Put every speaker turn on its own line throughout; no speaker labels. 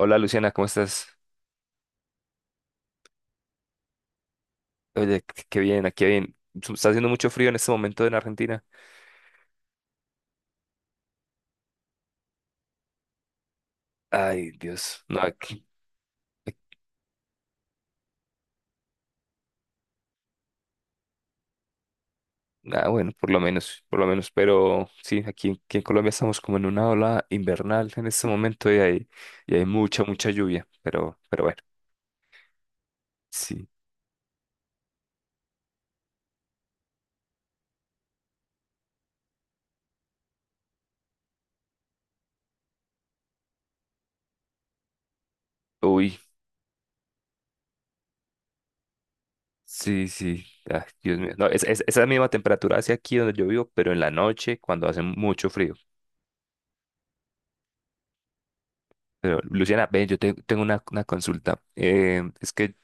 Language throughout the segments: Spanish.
Hola, Luciana, ¿cómo estás? Oye, qué bien, aquí bien. Está haciendo mucho frío en este momento en Argentina. Ay, Dios. No, aquí. aquí- Ah, bueno, por lo menos, por lo menos. Pero sí, aquí en Colombia estamos como en una ola invernal en este momento y hay mucha, mucha lluvia. Pero bueno, sí. Uy, sí, sí. Ay, Dios mío. No, esa misma temperatura hacia aquí donde yo vivo, pero en la noche cuando hace mucho frío. Pero, Luciana, ven, tengo una consulta. Es que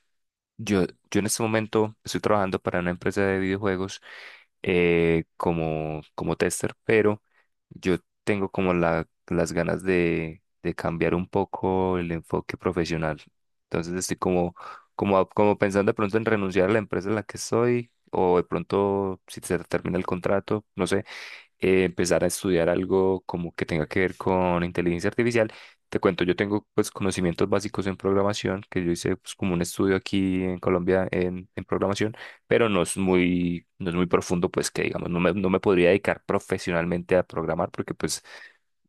Yo, yo en este momento estoy trabajando para una empresa de videojuegos, como, como tester, pero yo tengo como las ganas de cambiar un poco el enfoque profesional. Entonces estoy como, como, como pensando de pronto en renunciar a la empresa en la que estoy, o de pronto si se termina el contrato, no sé, empezar a estudiar algo como que tenga que ver con inteligencia artificial. Te cuento, yo tengo pues conocimientos básicos en programación, que yo hice pues como un estudio aquí en Colombia en programación, pero no es muy profundo, pues que digamos, no me podría dedicar profesionalmente a programar, porque pues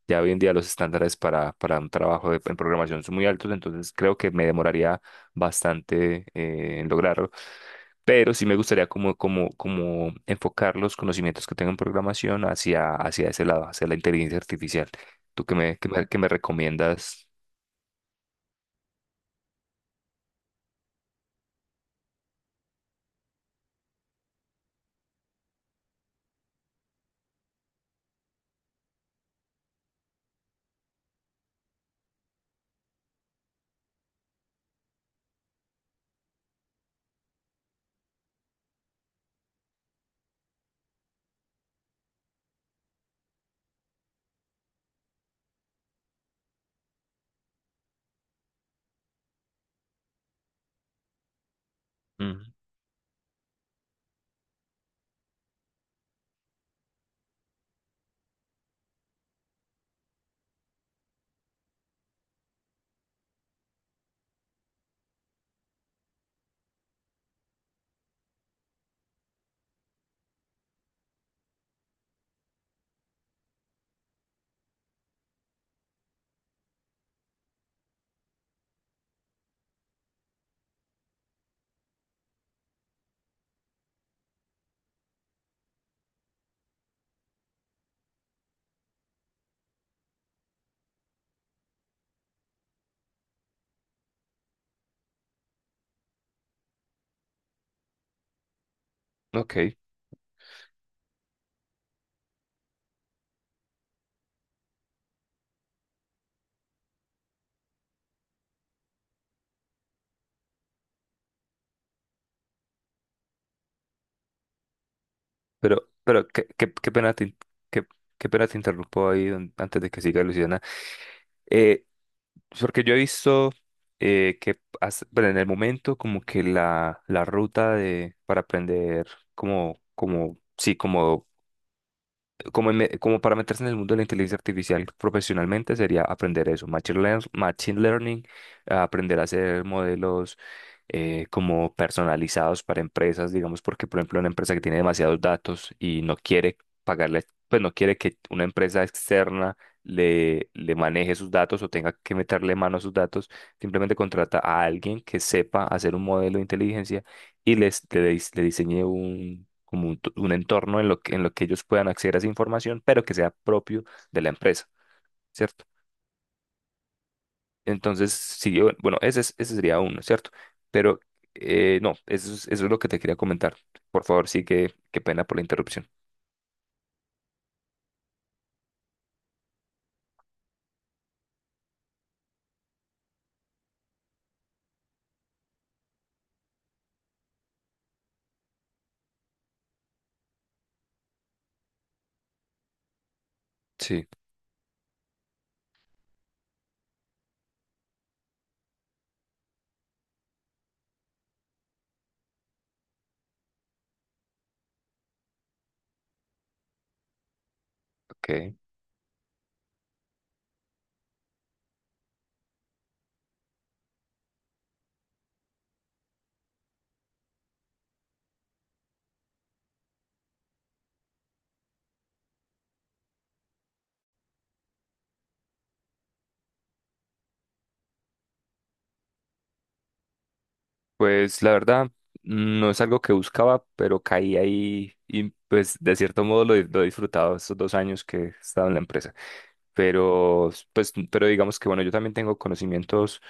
ya hoy en día los estándares para un trabajo en programación son muy altos, entonces creo que me demoraría bastante, en lograrlo, pero sí me gustaría como, como, como enfocar los conocimientos que tengo en programación hacia, hacia ese lado, hacia la inteligencia artificial. ¿Tú qué me recomiendas? Mm, ok, pero qué pena qué, qué pena te interrumpo ahí antes de que siga, Luciana. Eh, Porque yo he visto, que bueno, en el momento como que la ruta de, para aprender como, como, sí, como como, en como para meterse en el mundo de la inteligencia artificial profesionalmente sería aprender eso, machine learning, a aprender a hacer modelos, como personalizados para empresas, digamos, porque por ejemplo una empresa que tiene demasiados datos y no quiere pagarle, pues no quiere que una empresa externa le maneje sus datos o tenga que meterle mano a sus datos, simplemente contrata a alguien que sepa hacer un modelo de inteligencia y le diseñé un, como un, un entorno en lo que ellos puedan acceder a esa información, pero que sea propio de la empresa, ¿cierto? Entonces, sí, bueno, ese sería uno, ¿cierto? Pero no, eso es lo que te quería comentar. Por favor, sí, que, qué pena por la interrupción. Sí, ok. Pues la verdad, no es algo que buscaba, pero caí ahí y pues de cierto modo lo he disfrutado estos dos años que he estado en la empresa. Pero pues, pero digamos que bueno, yo también tengo conocimientos,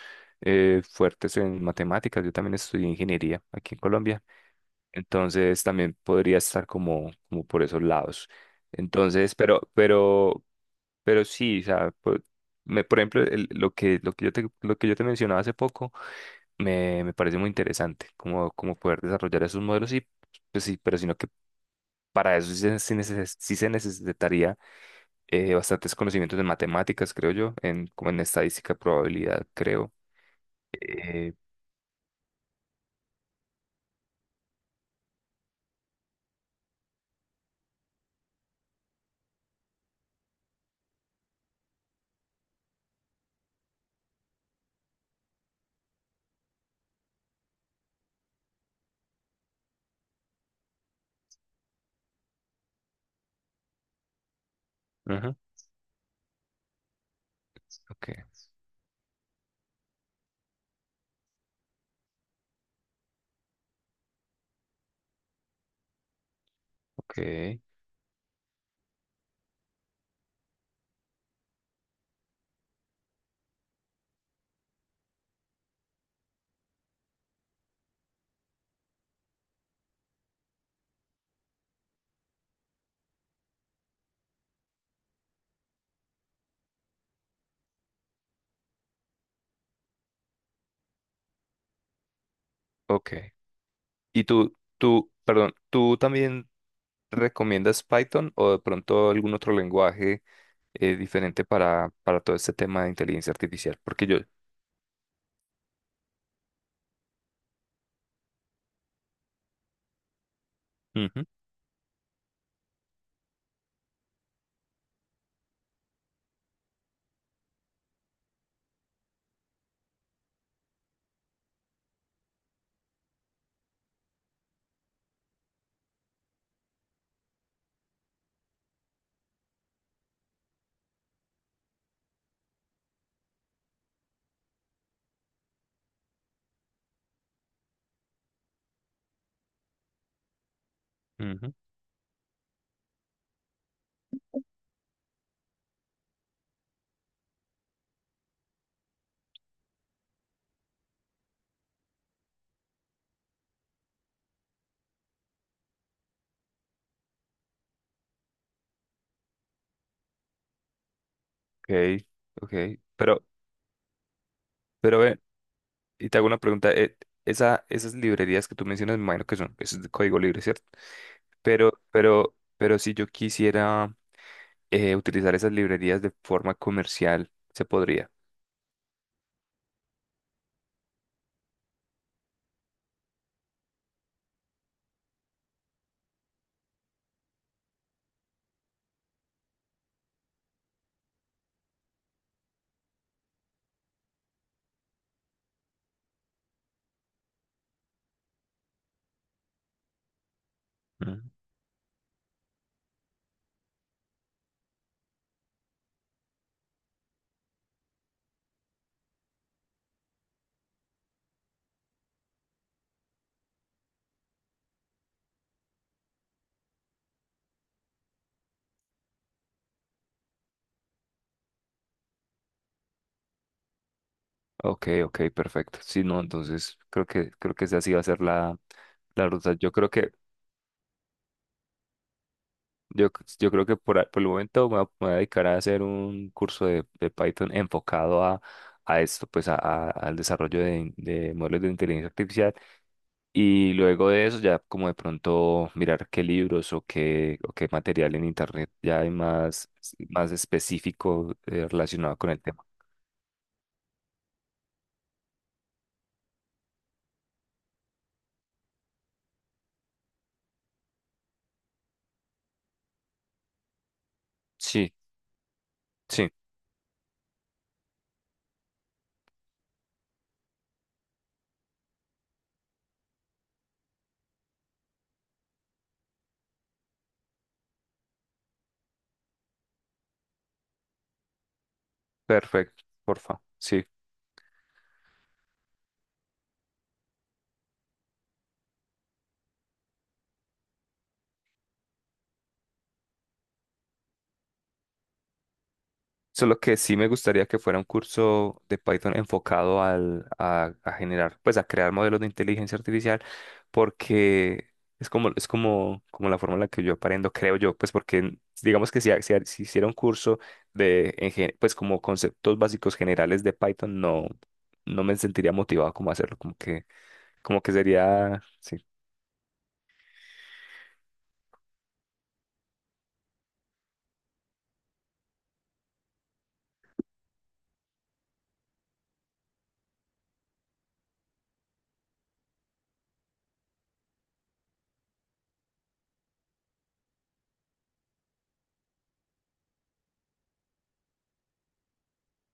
fuertes en matemáticas, yo también estudié ingeniería aquí en Colombia, entonces también podría estar como como por esos lados. Entonces, pero pero sí, o sea, me, por ejemplo, lo que lo que yo te mencionaba hace poco me, me parece muy interesante como como poder desarrollar esos modelos, y pues sí, pero sino que para eso sí sí se necesitaría, bastantes conocimientos en matemáticas, creo yo, en, como en estadística, probabilidad, creo. Eh, ujú. Ok, ok, ok. ¿Y perdón, tú también recomiendas Python, o de pronto algún otro lenguaje, diferente para todo este tema de inteligencia artificial? Porque yo... Ujú, ujú, ok, ok. Pero, pero ven, y te hago una pregunta, esas librerías que tú mencionas, me imagino que son, eso es de código libre, ¿cierto? Pero si yo quisiera, utilizar esas librerías de forma comercial, se podría. Ujú. Ok, ok, perfecto. Si no, entonces creo que esa sí va a ser la, la ruta. Yo, yo creo que por, por el momento me voy a dedicar a hacer un curso de Python enfocado a esto, pues a, al desarrollo de, de modelos de inteligencia artificial. Y luego de eso ya como de pronto mirar qué libros o qué material en internet ya hay más, más específico, relacionado con el tema. Sí, sí, perfecto, porfa. Sí. Solo que sí me gustaría que fuera un curso de Python enfocado al, a generar, pues a crear modelos de inteligencia artificial, porque es como, como la forma en la que yo aprendo, creo yo, pues porque digamos que si hiciera un curso de, en pues como conceptos básicos generales de Python, no, no me sentiría motivado como a hacerlo, como que sería, sí,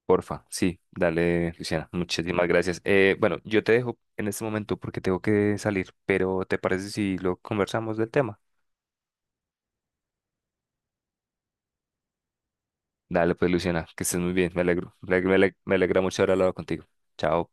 porfa, sí, dale, Luciana, muchísimas gracias. Bueno, yo te dejo en este momento porque tengo que salir, pero ¿te parece si lo conversamos del tema? Dale, pues, Luciana, que estés muy bien, me alegro, me alegra mucho haber hablado contigo. Chao.